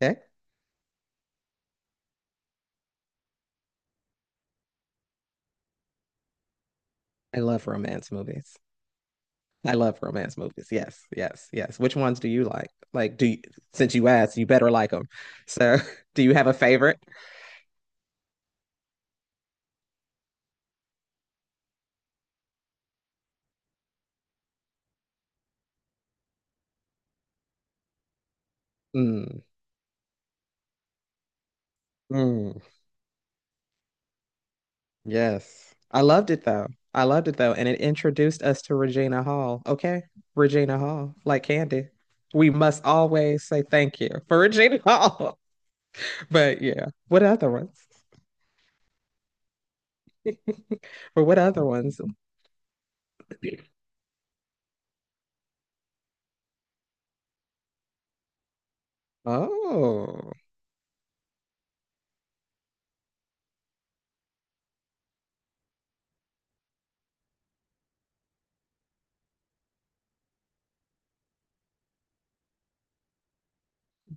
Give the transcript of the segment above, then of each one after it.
Okay. I love romance movies. I love romance movies. Yes, yes, yes. Which ones do you like? Like, do you, since you asked, you better like them. So, do you have a favorite? Mm, mm, yes. I loved it though. I loved it though. And it introduced us to Regina Hall. Okay. Regina Hall, like Candy. We must always say thank you for Regina Hall. But yeah, what other ones? Or what other ones? Oh.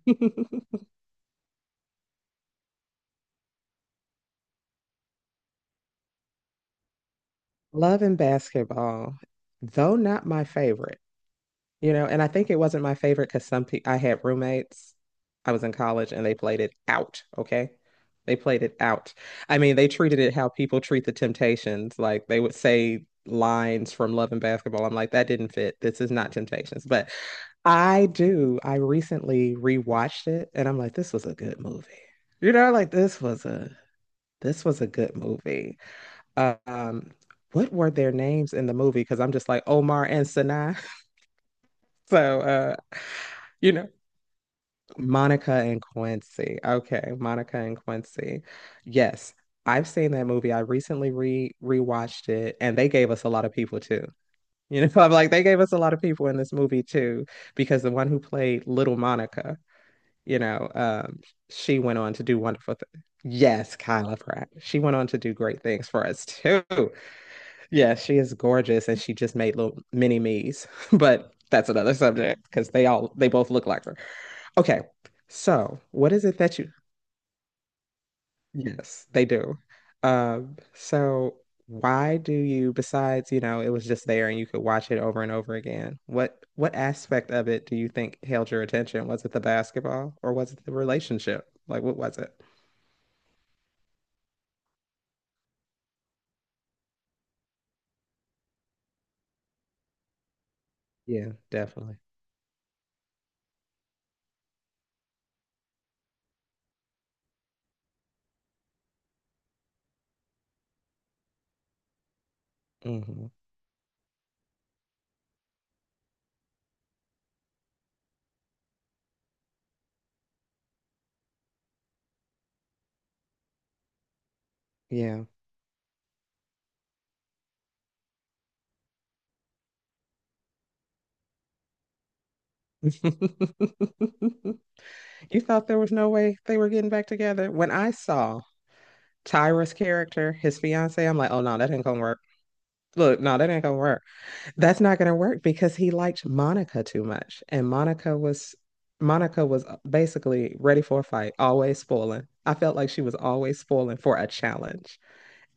Love and basketball, though not my favorite, and I think it wasn't my favorite because some people I had roommates. I was in college and they played it out. Okay. They played it out. I mean, they treated it how people treat the Temptations. Like they would say lines from Love and Basketball. I'm like, that didn't fit. This is not Temptations. But I do. I recently rewatched it and I'm like, this was a good movie. You know, like this was a good movie. Um, what were their names in the movie? Because I'm just like Omar and Sinai. So, you know, Monica and Quincy. Okay, Monica and Quincy. Yes, I've seen that movie. I recently re rewatched it, and they gave us a lot of people too. You know, I'm like they gave us a lot of people in this movie too, because the one who played Little Monica, you know, um, she went on to do wonderful things. Yes, Kyla Pratt. She went on to do great things for us too. Yeah, she is gorgeous and she just made little mini me's, but that's another subject because they both look like her. Okay. So, what is it that you... Yes, they do. So why do you, besides, it was just there and you could watch it over and over again. What aspect of it do you think held your attention? Was it the basketball or was it the relationship? Like what was it? Yeah, definitely. Hmm. Yeah. You thought there was no way they were getting back together? When I saw Tyra's character, his fiance, I'm like, oh no, that ain't gonna work. Look, no, that ain't gonna work. That's not gonna work because he liked Monica too much. And Monica was... Monica was basically ready for a fight, always spoiling. I felt like she was always spoiling for a challenge.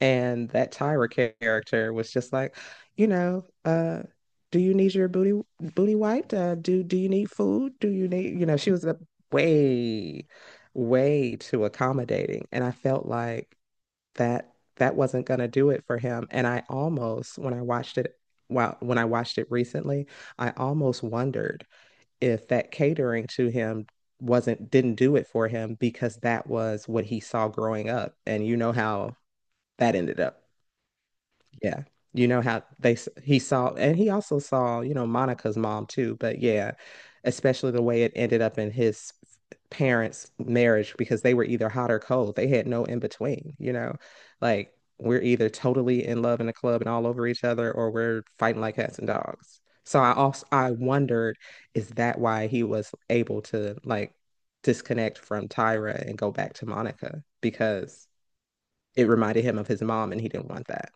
And that Tyra character was just like, you know, uh, do you need your booty booty wiped? Do you need food? Do you need, she was way, way too accommodating. And I felt like that wasn't gonna do it for him. And I almost, when I watched it, well, when I watched it recently, I almost wondered if that catering to him wasn't didn't do it for him because that was what he saw growing up. And you know how that ended up. Yeah. You know how he saw, and he also saw, you know, Monica's mom too, but yeah, especially the way it ended up in his parents' marriage because they were either hot or cold. They had no in between, you know. Like we're either totally in love in a club and all over each other or we're fighting like cats and dogs. So I also I wondered, is that why he was able to like disconnect from Tyra and go back to Monica because it reminded him of his mom and he didn't want that.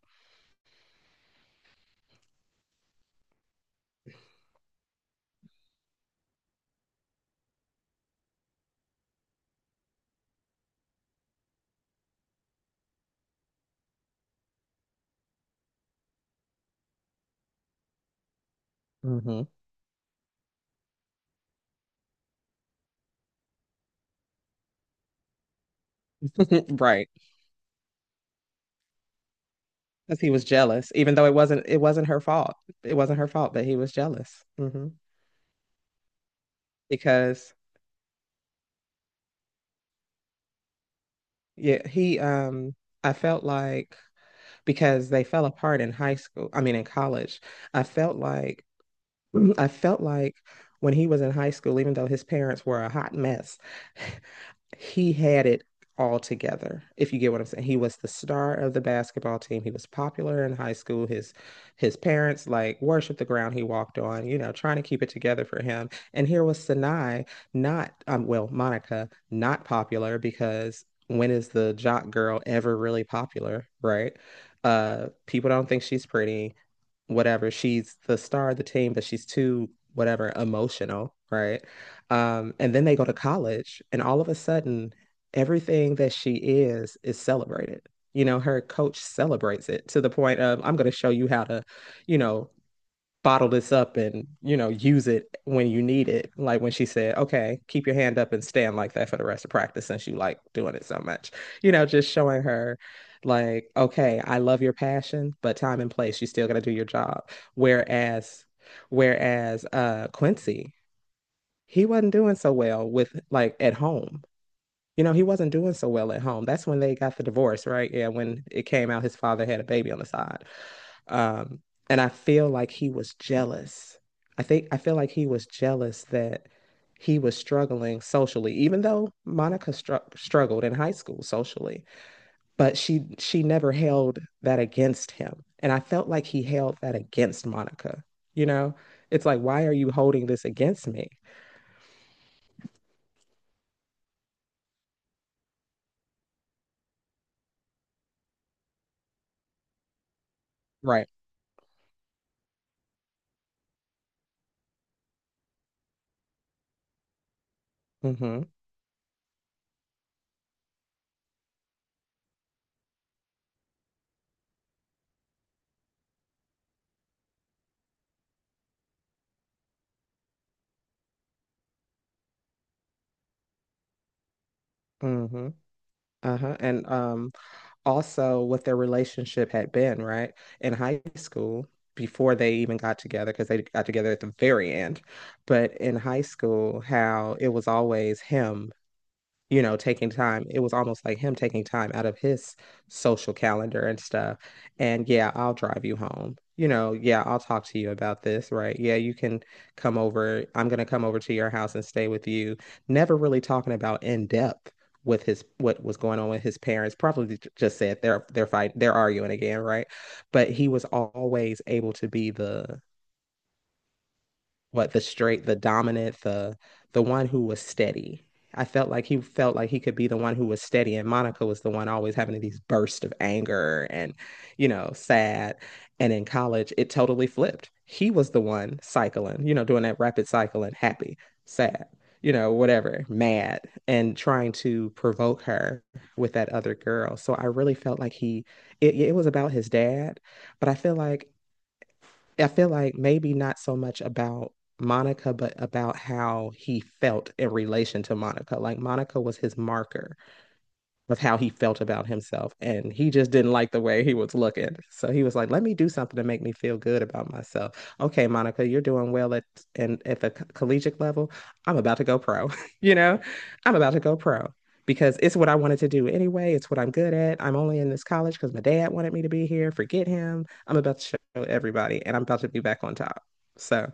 Hmm. Right. Because he was jealous, even though it wasn't her fault. It wasn't her fault that he was jealous. Hmm. Because yeah, he... I felt like, because they fell apart in high school, I mean in college, I felt like... Mhm. I felt like when he was in high school, even though his parents were a hot mess, he had it all together, if you get what I'm saying. He was the star of the basketball team. He was popular in high school. His parents like worshiped the ground he walked on, you know, trying to keep it together for him. And here was Sanai, not well, Monica, not popular, because when is the jock girl ever really popular, right? People don't think she's pretty, whatever. She's the star of the team, but she's too whatever emotional, right? And then they go to college, and all of a sudden, everything that she is celebrated. You know, her coach celebrates it to the point of, I'm going to show you how to, you know, bottle this up and, you know, use it when you need it. Like when she said, okay, keep your hand up and stand like that for the rest of practice since you like doing it so much. You know, just showing her like, okay, I love your passion, but time and place, you still got to do your job. Whereas, whereas Quincy, he wasn't doing so well with like at home. You know, he wasn't doing so well at home. That's when they got the divorce, right? Yeah, when it came out his father had a baby on the side. Um, and I feel like he was jealous. I feel like he was jealous that he was struggling socially, even though Monica struggled in high school socially, but she never held that against him. And I felt like he held that against Monica. You know, it's like, why are you holding this against me? Right. Mm-hmm. Mm-hmm. Uh-huh. And also what their relationship had been, right? In high school before they even got together, because they got together at the very end. But in high school, how it was always him, you know, taking time. It was almost like him taking time out of his social calendar and stuff. And yeah, I'll drive you home. You know, yeah, I'll talk to you about this, right? Yeah, you can come over. I'm going to come over to your house and stay with you. Never really talking about in depth with his... what was going on with his parents. Probably just said they're fighting, they're arguing again, right? But he was always able to be the... what... the straight, the dominant, the one who was steady. I felt like he could be the one who was steady, and Monica was the one always having these bursts of anger and, you know, sad. And in college, it totally flipped. He was the one cycling, you know, doing that rapid cycling, happy, sad, you know, whatever, mad, and trying to provoke her with that other girl. So I really felt like he, it was about his dad, but I feel like... I feel like maybe not so much about Monica, but about how he felt in relation to Monica. Like Monica was his marker of how he felt about himself. And he just didn't like the way he was looking. So he was like, let me do something to make me feel good about myself. Okay, Monica, you're doing well at... and at the collegiate level. I'm about to go pro. You know, I'm about to go pro because it's what I wanted to do anyway. It's what I'm good at. I'm only in this college because my dad wanted me to be here. Forget him. I'm about to show everybody and I'm about to be back on top. So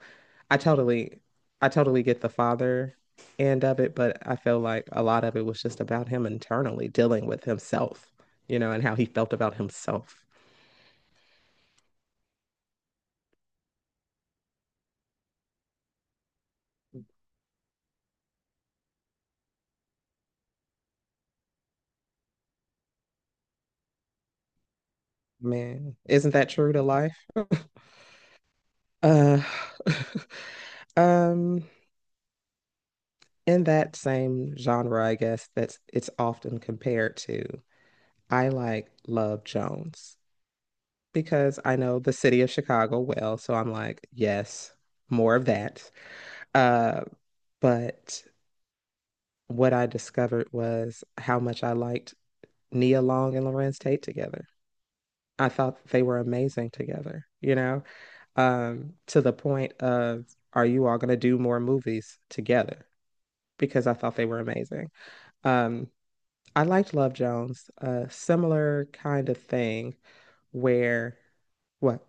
I totally... I totally get the father end of it, but I feel like a lot of it was just about him internally dealing with himself, you know, and how he felt about himself. Man, isn't that true to life? Uh, um, in that same genre, I guess that's it's often compared to. I like Love Jones because I know the city of Chicago well, so I'm like, yes, more of that. Uh, but what I discovered was how much I liked Nia Long and Lorenz Tate together. I thought they were amazing together, you know, to the point of, are you all going to do more movies together? Because I thought they were amazing. Um, I liked Love Jones, a similar kind of thing where, what?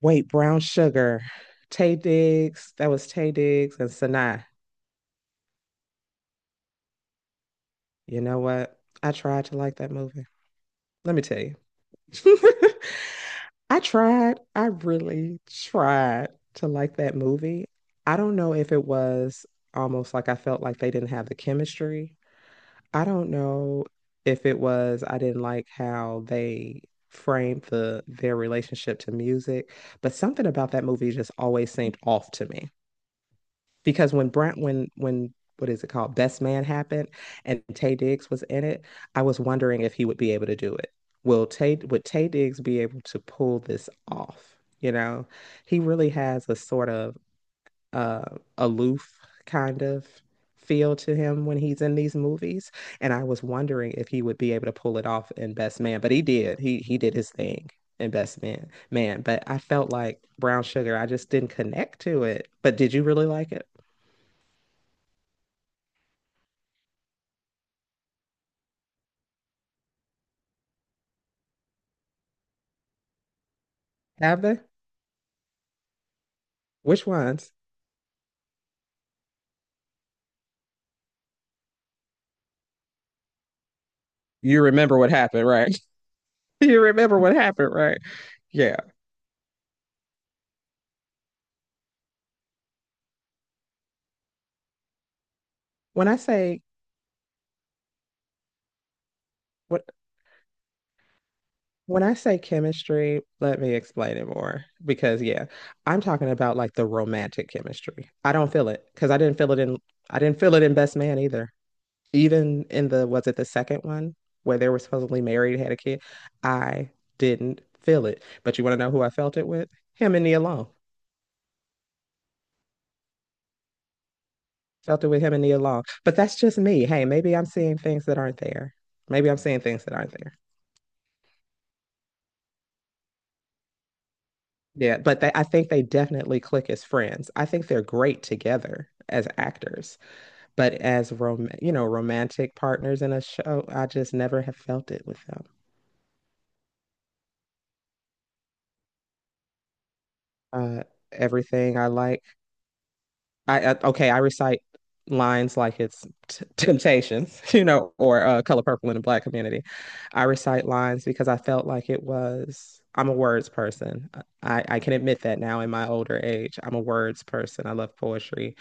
Wait, Brown Sugar, Taye Diggs, that was Taye Diggs and Sanaa. You know what? I tried to like that movie. Let me tell you. I tried. I really tried to like that movie. I don't know if it was almost like I felt like they didn't have the chemistry. I don't know if it was I didn't like how they framed the their relationship to music, but something about that movie just always seemed off to me because when Brent when what is it called, Best Man happened and Taye Diggs was in it, I was wondering if he would be able to do it. Will Tay would Taye Diggs be able to pull this off? You know, he really has a sort of uh, aloof kind of feel to him when he's in these movies, and I was wondering if he would be able to pull it off in Best Man, but he did. He did his thing in Best Man, man. But I felt like Brown Sugar, I just didn't connect to it. But did you really like it? Have they? Which ones? You remember what happened, right? You remember what happened, right? Yeah. When I say what when I say chemistry, let me explain it more, because yeah, I'm talking about like the romantic chemistry. I don't feel it because I didn't feel it in Best Man either. Even in the was it the second one where they were supposedly married, had a kid, I didn't feel it. But you want to know who I felt it with? Him and Nia Long. Felt it with him and Nia Long. But that's just me. Hey, maybe I'm seeing things that aren't there. Maybe I'm seeing things that aren't there. Yeah, but they, I think they definitely click as friends. I think they're great together as actors, but as you know, romantic partners in a show, I just never have felt it with them. Uh, everything I like I okay, I recite lines like it's Temptations, you know, or Color Purple in the Black community. I recite lines because I felt like it was. I'm a words person. I can admit that now in my older age. I'm a words person. I love poetry.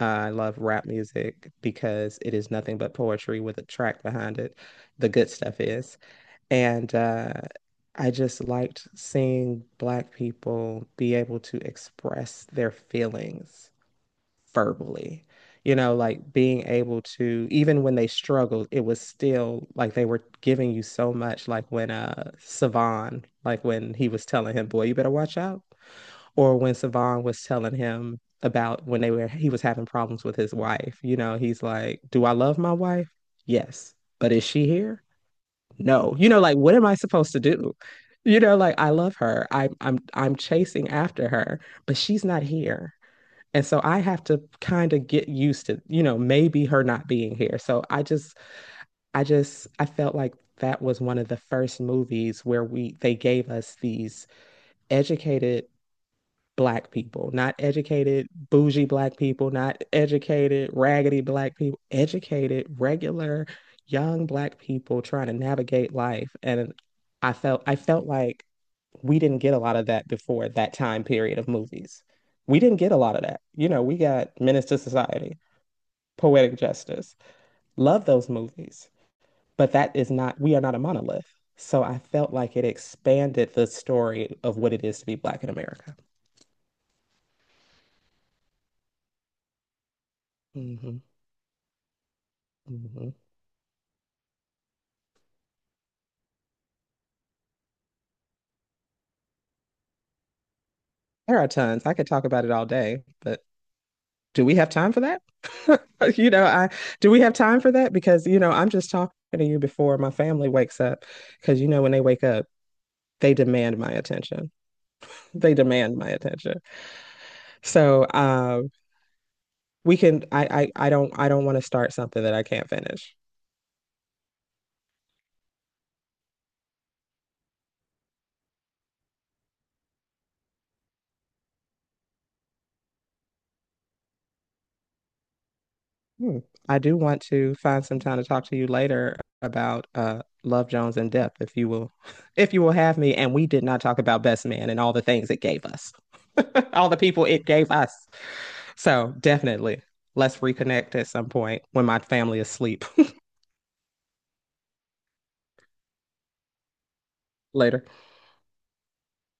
I love rap music because it is nothing but poetry with a track behind it. The good stuff is. And I just liked seeing Black people be able to express their feelings verbally. You know, like being able to, even when they struggled, it was still like they were giving you so much. Like when Savan, like when he was telling him, "Boy, you better watch out," or when Savan was telling him about when they were he was having problems with his wife. You know, he's like, "Do I love my wife? Yes, but is she here? No." You know, like what am I supposed to do? You know, like I love her. I'm chasing after her, but she's not here. And so I have to kind of get used to, you know, maybe her not being here. So I just, I felt like that was one of the first movies where they gave us these educated black people, not educated bougie black people, not educated raggedy black people, educated regular young black people trying to navigate life. And I felt like we didn't get a lot of that before that time period of movies. We didn't get a lot of that. You know, we got Menace to Society, Poetic Justice. Love those movies, but that is not, we are not a monolith. So I felt like it expanded the story of what it is to be Black in America. hmm hmm There are tons. I could talk about it all day, but do we have time for that? you know, I do we have time for that? Because, you know, I'm just talking to you before my family wakes up. Because, you know, when they wake up, they demand my attention. They demand my attention. So, we can I don't want to start something that I can't finish. Hmm. I do want to find some time to talk to you later about Love Jones in depth if you will, if you will have me. And we did not talk about Best Man and all the things it gave us. All the people it gave us. So definitely, let's reconnect at some point when my family is asleep. Later.